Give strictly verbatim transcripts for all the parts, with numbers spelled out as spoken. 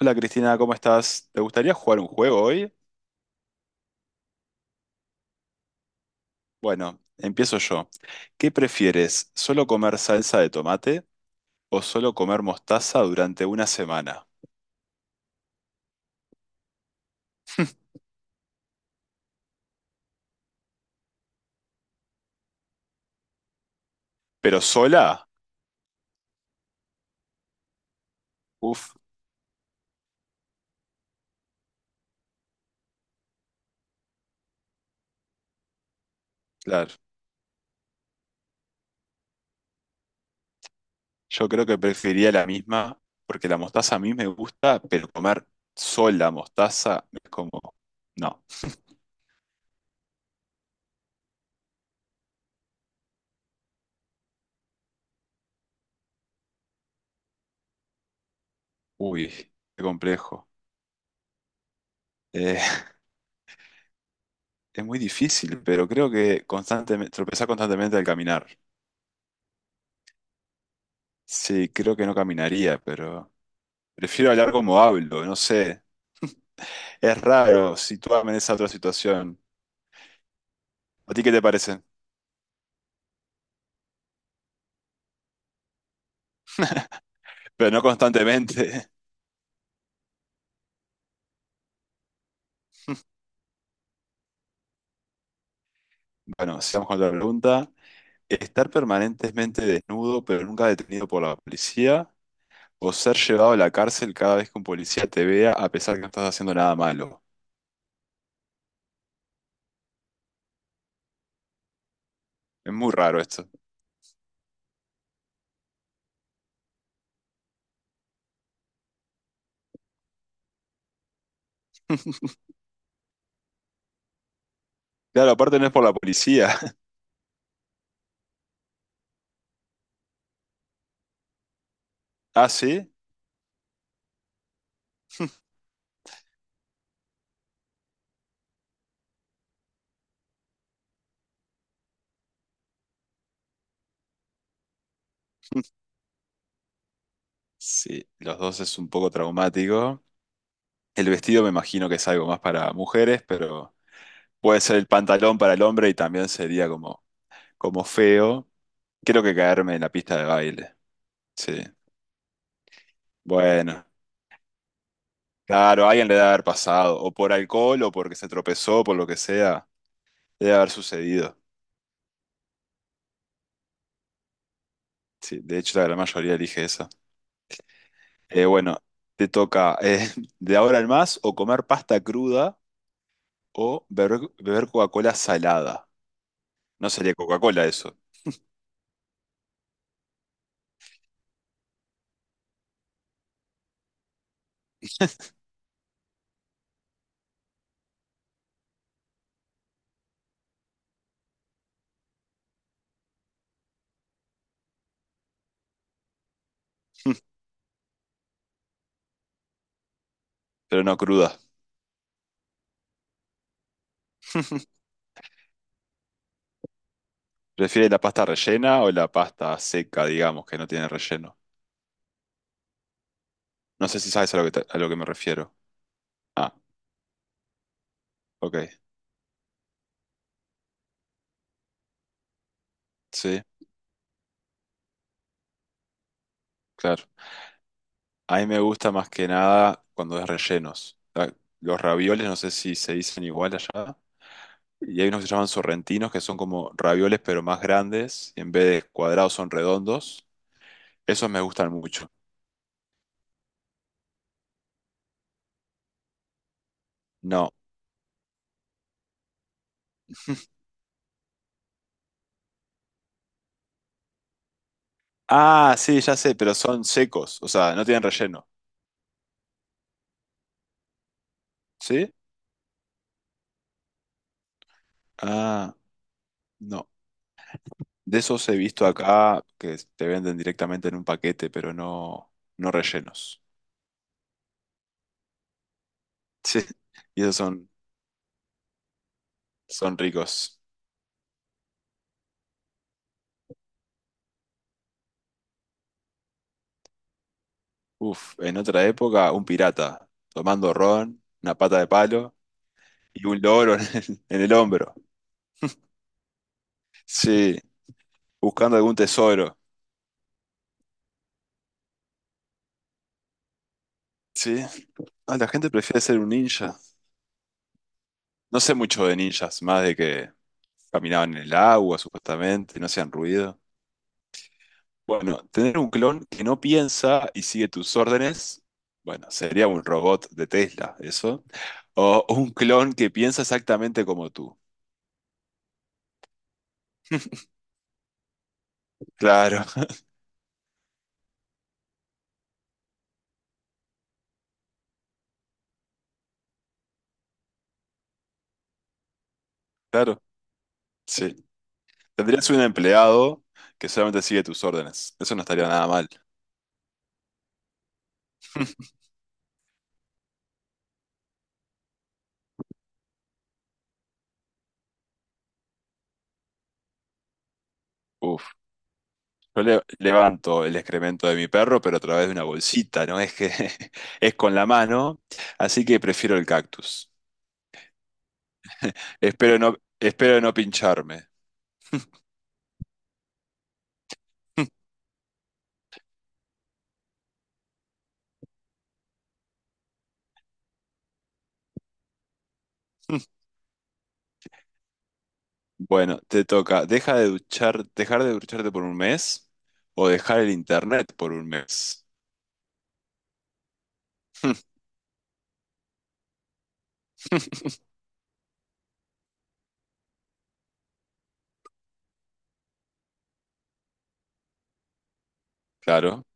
Hola Cristina, ¿cómo estás? ¿Te gustaría jugar un juego hoy? Bueno, empiezo yo. ¿Qué prefieres? ¿Solo comer salsa de tomate o solo comer mostaza durante una semana? ¿Pero sola? Uf, claro. Yo creo que preferiría la misma porque la mostaza a mí me gusta, pero comer sola mostaza es como... No. Uy, qué complejo. Eh, es muy difícil, pero creo que constantemente, tropezar constantemente al caminar. Sí, creo que no caminaría, pero... Prefiero hablar como hablo, no sé. Es raro situarme en esa otra situación. ¿A ti qué te parece? Pero no constantemente. Bueno, sigamos con la pregunta. ¿Estar permanentemente desnudo pero nunca detenido por la policía? ¿O ser llevado a la cárcel cada vez que un policía te vea a pesar que no estás haciendo nada malo? Es muy raro esto. Claro, aparte no es por la policía. ¿Ah, sí? Sí, los dos es un poco traumático. El vestido me imagino que es algo más para mujeres, pero puede ser el pantalón para el hombre y también sería como, como feo. Quiero que caerme en la pista de baile. Sí. Bueno, claro, a alguien le debe haber pasado, o por alcohol, o porque se tropezó, por lo que sea, debe haber sucedido. Sí, de hecho, la gran mayoría elige eso. Eh, bueno, te toca eh, de ahora en más o comer pasta cruda o beber, beber Coca-Cola salada. No sería Coca-Cola eso, pero no cruda. ¿Prefieres la pasta rellena o la pasta seca, digamos, que no tiene relleno? No sé si sabes a lo que, te- a lo que me refiero. Ah, ok. Sí, claro. A mí me gusta más que nada cuando es rellenos. Ah, los ravioles, no sé si se dicen igual allá. Y hay unos que se llaman sorrentinos, que son como ravioles, pero más grandes. Y en vez de cuadrados, son redondos. Esos me gustan mucho. No. Ah, sí, ya sé, pero son secos. O sea, no tienen relleno. ¿Sí? Ah, no. De esos he visto acá que te venden directamente en un paquete, pero no, no rellenos. Sí. Y esos son son ricos. Uf, en otra época, un pirata tomando ron, una pata de palo y un loro en el, en el hombro. Sí, buscando algún tesoro. Sí, ah, la gente prefiere ser un ninja. No sé mucho de ninjas, más de que caminaban en el agua, supuestamente, no hacían ruido. Bueno, tener un clon que no piensa y sigue tus órdenes, bueno, sería un robot de Tesla, eso. O un clon que piensa exactamente como tú. Claro, claro. Sí. Tendrías un empleado que solamente sigue tus órdenes. Eso no estaría nada mal. Uf, yo le- levanto el excremento de mi perro, pero a través de una bolsita, ¿no? Es que es con la mano, así que prefiero el cactus. Espero no, espero no pincharme. Bueno, te toca. Deja de duchar, dejar de ducharte por un mes o dejar el internet por un mes. Claro.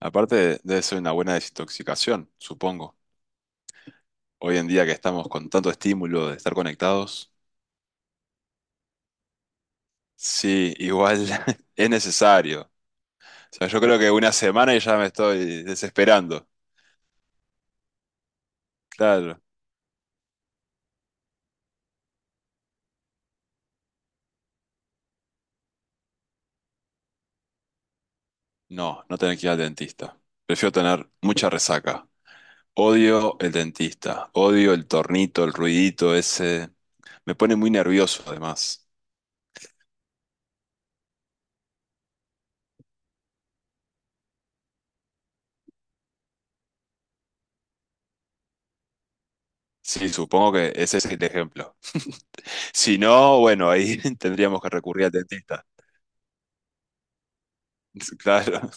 Aparte, debe ser una buena desintoxicación, supongo. Hoy en día que estamos con tanto estímulo de estar conectados. Sí, igual es necesario. O sea, yo creo que una semana y ya me estoy desesperando. Claro. No, no tener que ir al dentista. Prefiero tener mucha resaca. Odio el dentista. Odio el tornito, el ruidito ese. Me pone muy nervioso además. Sí, supongo que ese es el ejemplo. Si no, bueno, ahí tendríamos que recurrir al dentista. Claro.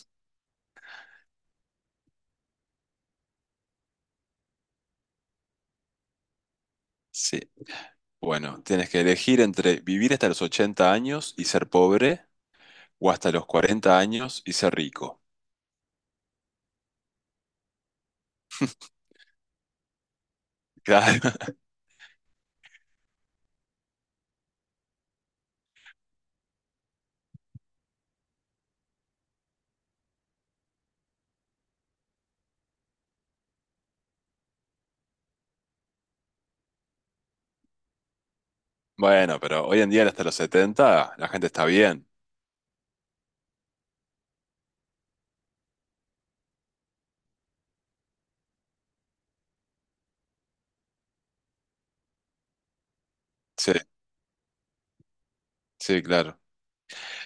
Sí. Bueno, tienes que elegir entre vivir hasta los ochenta años y ser pobre o hasta los cuarenta años y ser rico. Claro. Bueno, pero hoy en día hasta los setenta, la gente está bien. Sí, sí, claro.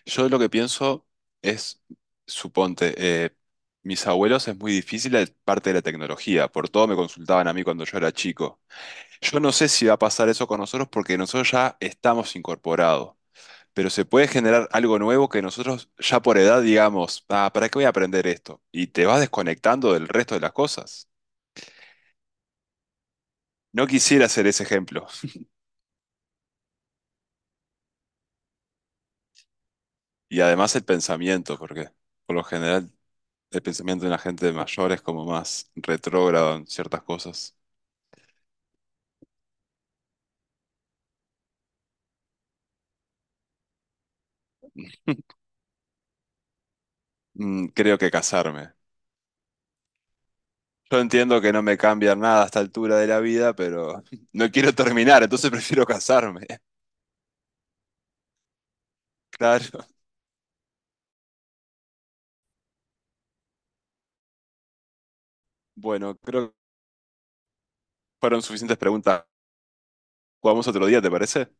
Yo lo que pienso es, suponte, eh, mis abuelos es muy difícil la parte de la tecnología, por todo me consultaban a mí cuando yo era chico. Yo no sé si va a pasar eso con nosotros porque nosotros ya estamos incorporados, pero se puede generar algo nuevo que nosotros ya por edad digamos, ah, ¿para qué voy a aprender esto? Y te vas desconectando del resto de las cosas. No quisiera hacer ese ejemplo. Y además el pensamiento, porque por lo general el pensamiento de la gente mayor es como más retrógrado en ciertas cosas. Mm, creo que casarme. Yo entiendo que no me cambia nada a esta altura de la vida, pero no quiero terminar, entonces prefiero casarme. Claro. Bueno, creo que fueron suficientes preguntas. Jugamos otro día, ¿te parece?